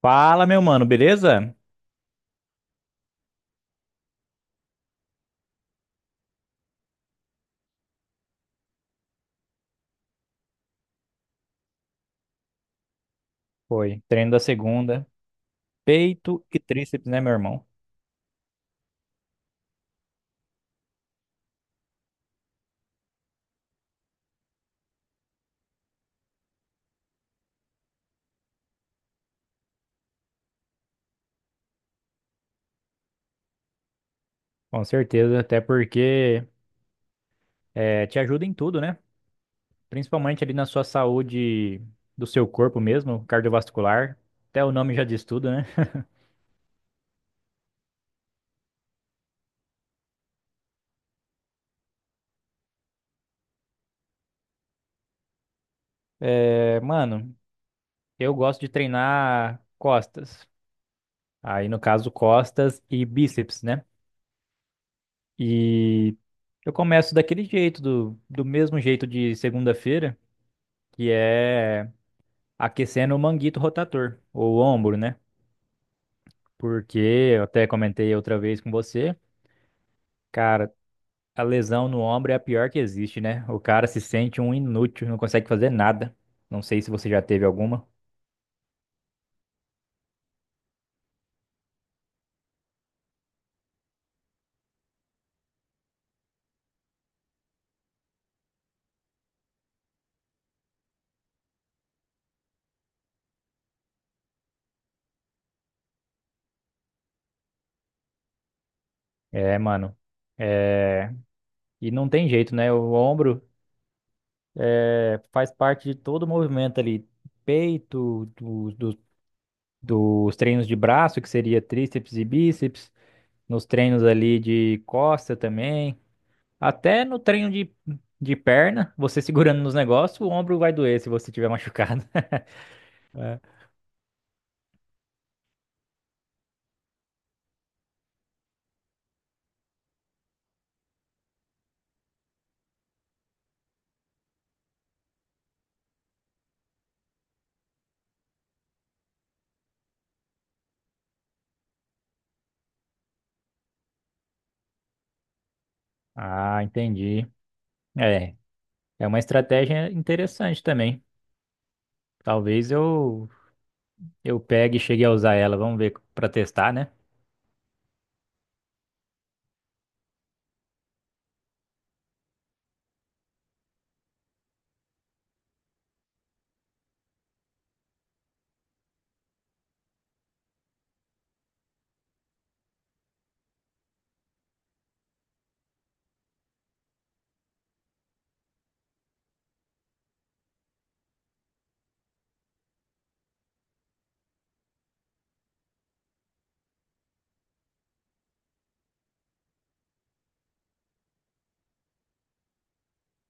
Fala, meu mano, beleza? Foi. Treino da segunda. Peito e tríceps, né, meu irmão? Com certeza, até porque te ajuda em tudo, né? Principalmente ali na sua saúde do seu corpo mesmo, cardiovascular. Até o nome já diz tudo, né? É, mano, eu gosto de treinar costas. Aí, no caso, costas e bíceps, né? E eu começo daquele jeito, do mesmo jeito de segunda-feira, que é, aquecendo o manguito rotator, ou o ombro, né? Porque eu até comentei outra vez com você, cara, a lesão no ombro é a pior que existe, né? O cara se sente um inútil, não consegue fazer nada. Não sei se você já teve alguma. É, mano. É... E não tem jeito, né? O ombro, é, faz parte de todo o movimento ali. Peito, dos treinos de braço, que seria tríceps e bíceps, nos treinos ali de costa também. Até no treino de perna, você segurando nos negócios, o ombro vai doer se você tiver machucado. É. Ah, entendi. É, é uma estratégia interessante também. Talvez eu pegue e chegue a usar ela. Vamos ver para testar, né?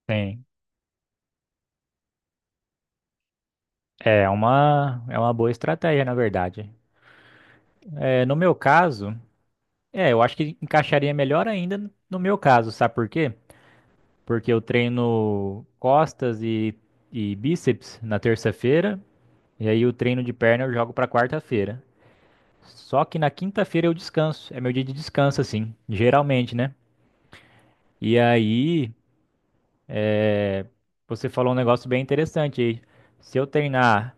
Sim. É uma boa estratégia, na verdade. É, no meu caso, é, eu acho que encaixaria melhor ainda no meu caso, sabe por quê? Porque eu treino e bíceps na terça-feira. E aí o treino de perna eu jogo pra quarta-feira. Só que na quinta-feira eu descanso. É meu dia de descanso, assim, geralmente, né? E aí, você falou um negócio bem interessante aí. Se eu treinar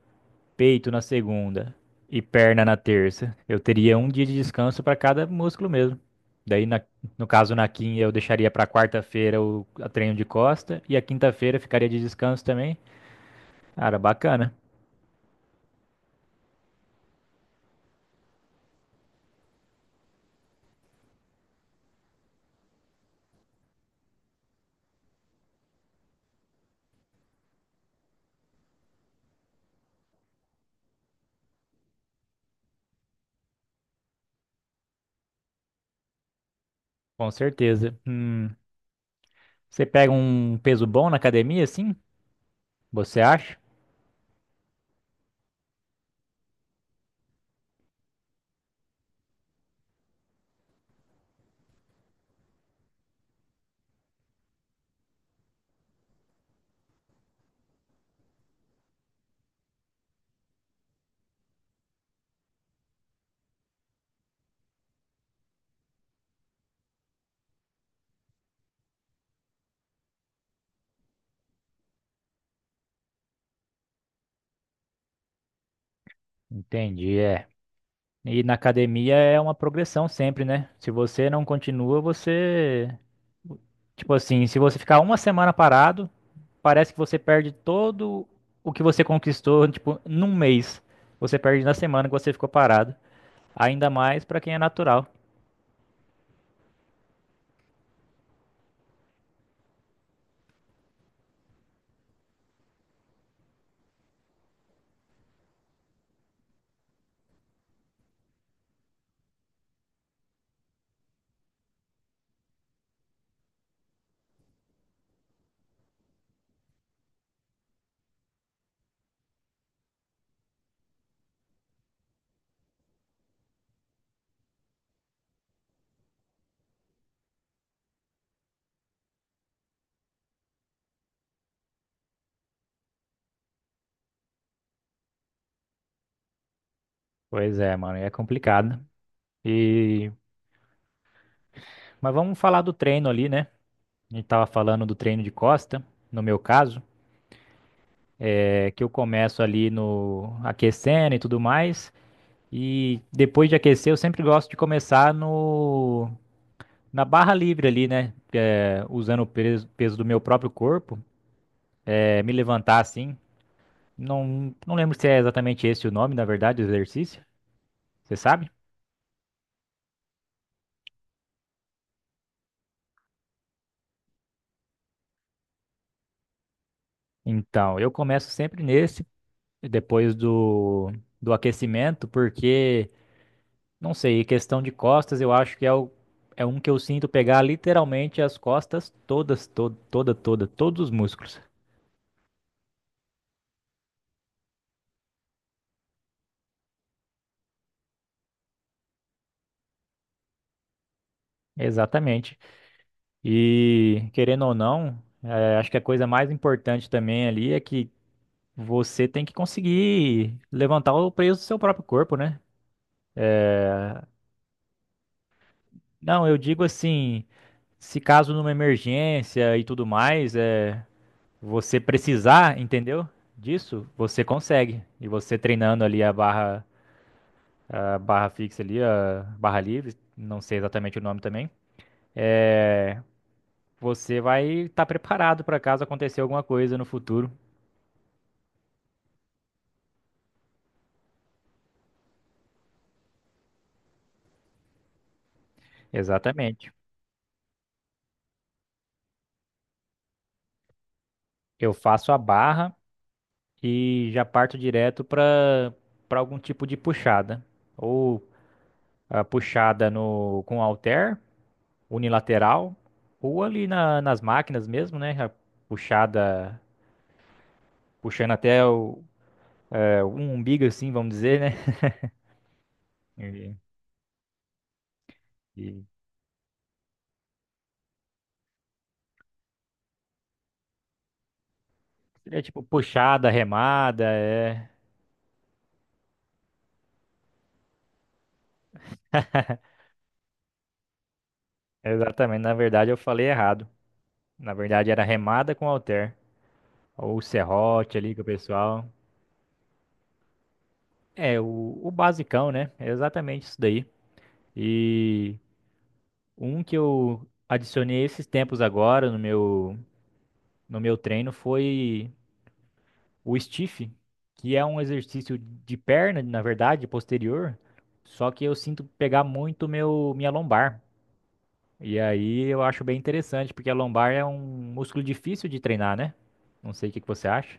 peito na segunda e perna na terça, eu teria um dia de descanso para cada músculo mesmo. Daí, na- no caso, na quinta, eu deixaria para quarta-feira o a treino de costa e a quinta-feira ficaria de descanso também. Cara, bacana. Com certeza. Você pega um peso bom na academia, assim? Você acha? Entendi, é. E na academia é uma progressão sempre, né? Se você não continua, você. Tipo assim, se você ficar uma semana parado, parece que você perde todo o que você conquistou, tipo, num mês. Você perde na semana que você ficou parado. Ainda mais pra quem é natural. Pois é, mano, é complicado. E mas vamos falar do treino ali, né? A gente tava falando do treino de costa, no meu caso, é que eu começo ali no aquecendo e tudo mais. E depois de aquecer, eu sempre gosto de começar no, na barra livre ali, né? É, usando o peso, peso do meu próprio corpo, é, me levantar assim. Não lembro se é exatamente esse o nome, na verdade, do exercício. Você sabe? Então, eu começo sempre nesse, depois do aquecimento, porque, não sei, questão de costas, eu acho que é, o, é um que eu sinto pegar literalmente as costas todas, todos os músculos. Exatamente. E querendo ou não, acho que a coisa mais importante também ali é que você tem que conseguir levantar o peso do seu próprio corpo, né? Não, eu digo assim, se caso numa emergência e tudo mais, é, você precisar, entendeu? Disso, você consegue. E você treinando ali a barra fixa ali, a barra livre, não sei exatamente o nome também, é, você vai estar preparado para caso acontecer alguma coisa no futuro. Exatamente. Eu faço a barra e já parto direto para algum tipo de puxada. Ou a puxada no com halter, unilateral, ou nas máquinas mesmo, né? A puxada puxando até o, é, um umbigo, assim, vamos dizer, né? E, e seria tipo puxada, remada, é. Exatamente. Na verdade, eu falei errado. Na verdade, era remada com halter. Ou serrote ali com o pessoal. É, o basicão, né? É exatamente isso daí. E um que eu adicionei esses tempos agora no no meu treino foi o stiff, que é um exercício de perna, na verdade, posterior, só que eu sinto pegar muito minha lombar. E aí eu acho bem interessante, porque a lombar é um músculo difícil de treinar, né? Não sei o que que você acha.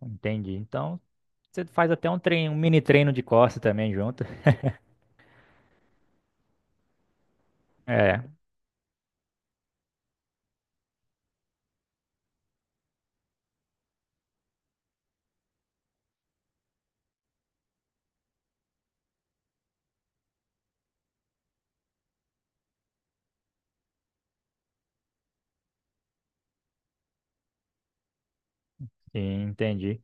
Entendi. Então, você faz até um treino, um mini treino de costas também junto. É, sim, entendi.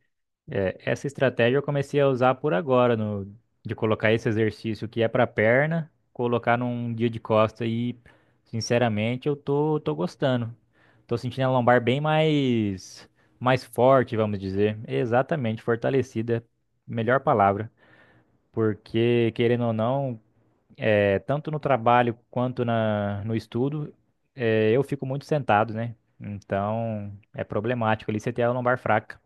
É, essa estratégia eu comecei a usar por agora, no, de colocar esse exercício que é para perna, colocar num dia de costa e, sinceramente, tô gostando. Tô sentindo a lombar bem mais, mais forte, vamos dizer. Exatamente, fortalecida, melhor palavra. Porque, querendo ou não, é, tanto no trabalho quanto no estudo, é, eu fico muito sentado, né? Então, é problemático ali você ter a lombar fraca.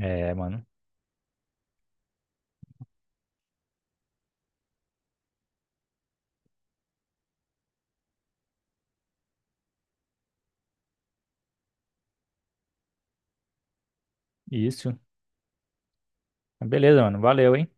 É, mano. Isso. Beleza, mano. Valeu, hein?